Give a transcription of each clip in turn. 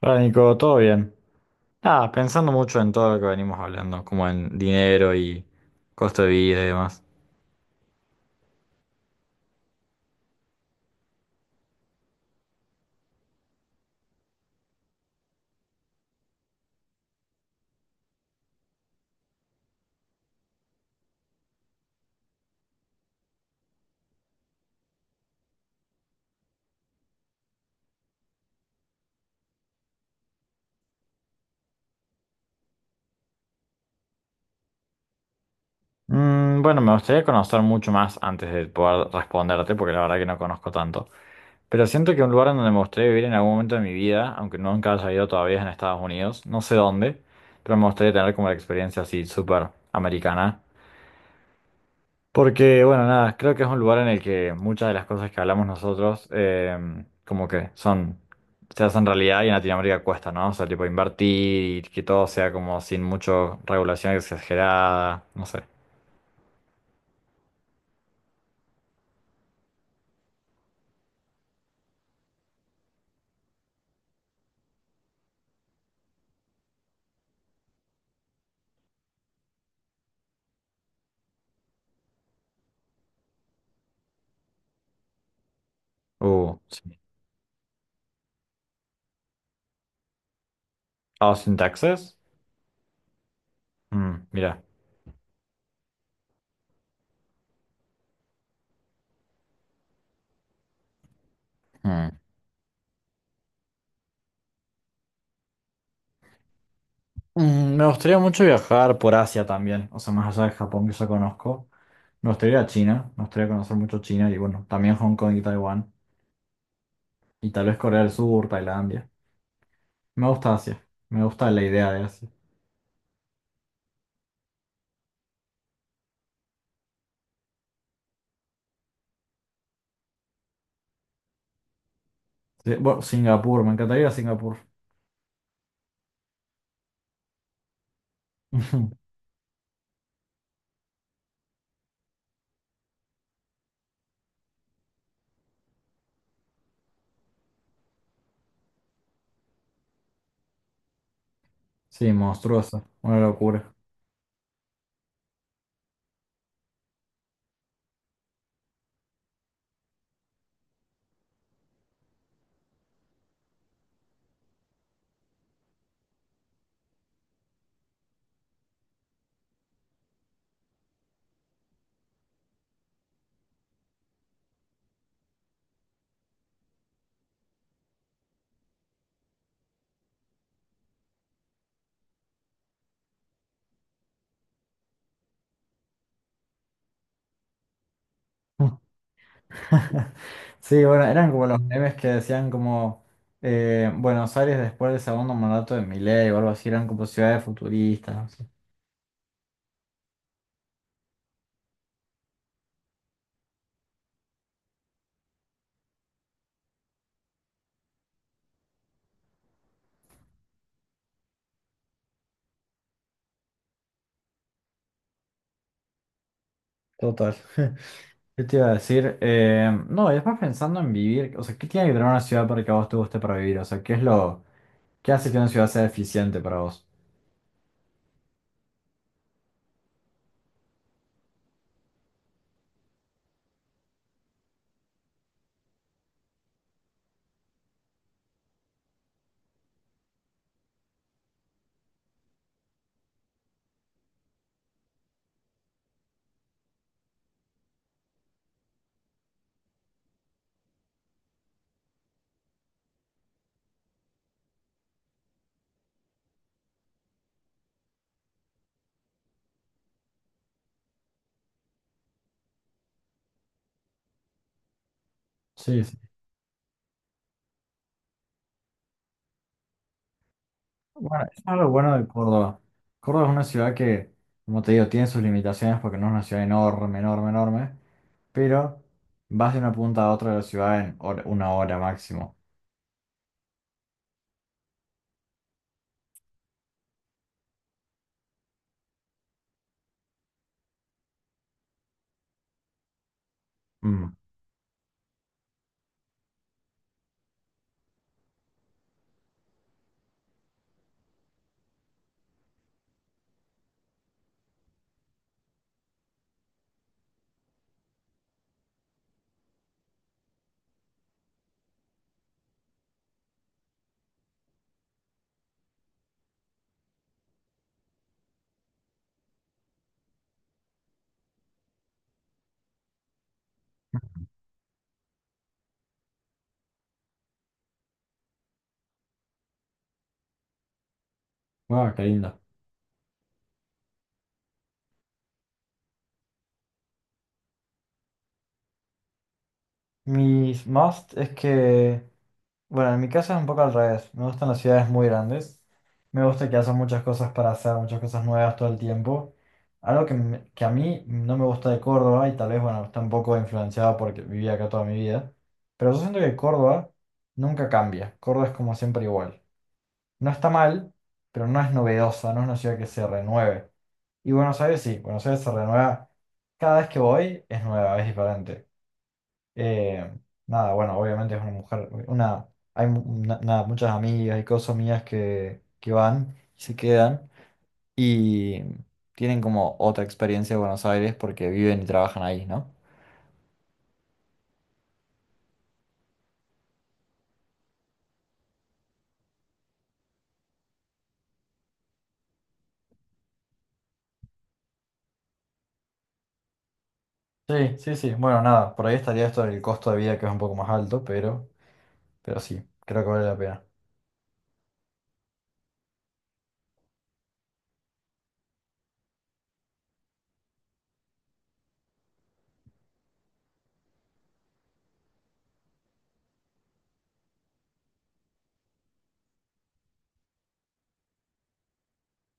Hola Nico, ¿todo bien? Ah, pensando mucho en todo lo que venimos hablando, como en dinero y costo de vida y demás. Bueno, me gustaría conocer mucho más antes de poder responderte, porque la verdad que no conozco tanto. Pero siento que un lugar en donde me gustaría vivir en algún momento de mi vida, aunque nunca haya ido todavía, es en Estados Unidos, no sé dónde, pero me gustaría tener como la experiencia así súper americana. Porque, bueno, nada, creo que es un lugar en el que muchas de las cosas que hablamos nosotros, como que son, se hacen realidad, y en Latinoamérica cuesta, ¿no? O sea, tipo invertir y que todo sea como sin mucho regulación exagerada, no sé. Sí. Austin, Texas. Mm, mira. Mm. Me gustaría mucho viajar por Asia también, o sea, más allá de Japón que ya conozco. Me gustaría ir a China, me gustaría conocer mucho China y bueno, también Hong Kong y Taiwán. Y tal vez Corea del Sur, Tailandia. Me gusta Asia. Me gusta la idea de Asia. Sí, bueno, Singapur, me encantaría ir a Singapur. Sí, monstruoso. Una locura. Sí, bueno, eran como los memes que decían como Buenos Aires después del segundo mandato de Milei o algo así, eran como ciudades futuristas, no sé. Total. ¿Qué te iba a decir? No, y después pensando en vivir, o sea, ¿qué tiene que tener una ciudad para que a vos te guste para vivir? O sea, ¿qué hace que una ciudad sea eficiente para vos? Sí, sí. Bueno, eso es lo bueno de Córdoba. Córdoba es una ciudad que, como te digo, tiene sus limitaciones porque no es una ciudad enorme, enorme, enorme, pero vas de una punta a otra de la ciudad en una hora máximo. Mm. Guau, qué lindo. Mis must es que, bueno, en mi caso es un poco al revés. Me gustan las ciudades muy grandes. Me gusta que haya muchas cosas para hacer, muchas cosas nuevas todo el tiempo. Algo que a mí no me gusta de Córdoba, y tal vez, bueno, está un poco influenciado porque viví acá toda mi vida. Pero yo siento que Córdoba nunca cambia. Córdoba es como siempre igual. No está mal, pero no es novedosa, no es una ciudad que se renueve. Y Buenos Aires sí, Buenos Aires se renueva. Cada vez que voy es nueva, es diferente. Eh, Nada, bueno, obviamente es una mujer, hay nada, muchas amigas y cosas mías que van y se quedan y tienen como otra experiencia de Buenos Aires porque viven y trabajan ahí, ¿no? Sí, sí, sí. Bueno, nada, por ahí estaría esto del costo de vida que es un poco más alto, pero sí, creo que vale la pena.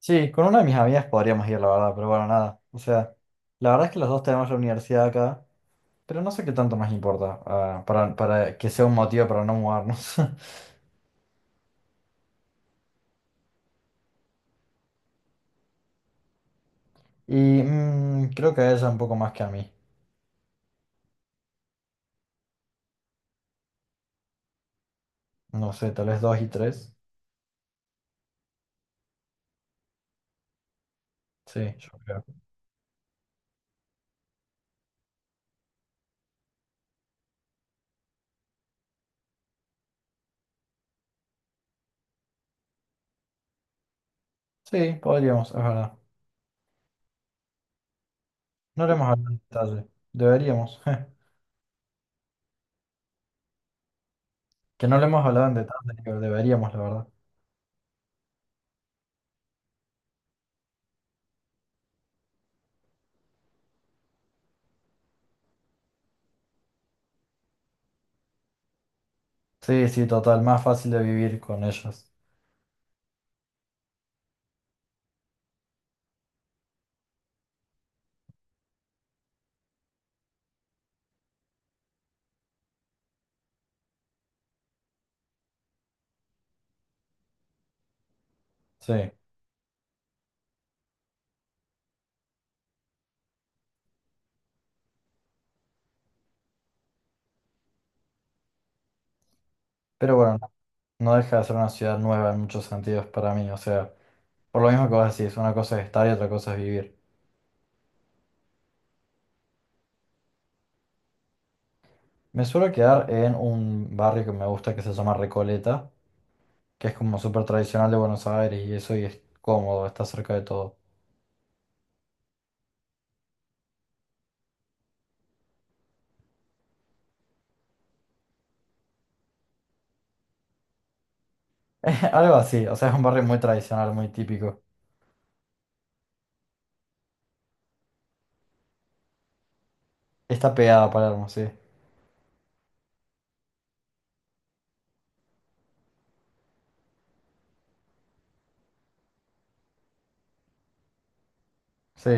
Sí, con una de mis amigas podríamos ir, la verdad, pero bueno, nada. O sea, la verdad es que los dos tenemos la universidad acá, pero no sé qué tanto más importa, ah, para que sea un motivo para no mudarnos. Y creo que a ella un poco más que a mí. No sé, tal vez dos y tres. Sí, yo creo. Sí, podríamos, es verdad. No le hemos hablado en detalle. Deberíamos. Que no le hemos hablado en detalle, pero deberíamos, la verdad. Sí, sí, total, más fácil de vivir con ellas. Sí. Pero bueno, no deja de ser una ciudad nueva en muchos sentidos para mí. O sea, por lo mismo que vos decís, una cosa es estar y otra cosa es vivir. Me suelo quedar en un barrio que me gusta que se llama Recoleta, que es como súper tradicional de Buenos Aires y eso, y es cómodo, está cerca de todo. Algo así, o sea, es un barrio muy tradicional, muy típico. Está pegado a Palermo, sí. Sí,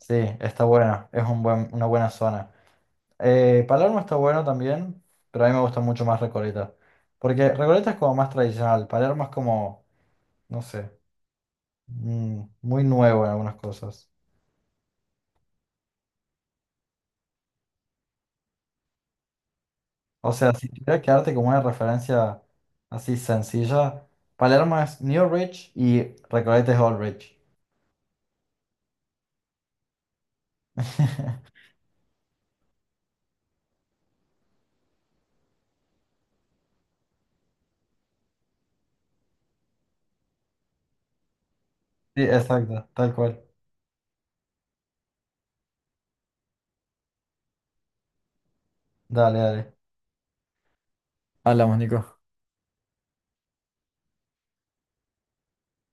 sí, está bueno, es una buena zona. Palermo está bueno también, pero a mí me gusta mucho más Recoleta. Porque Recoleta es como más tradicional, Palermo es como, no sé, muy nuevo en algunas cosas. O sea, si tuviera que darte como una referencia así sencilla, Palermo es New Rich y Recoleta es Old Rich. Sí, exacto, tal cual. Dale, dale. Hablamos, Nico.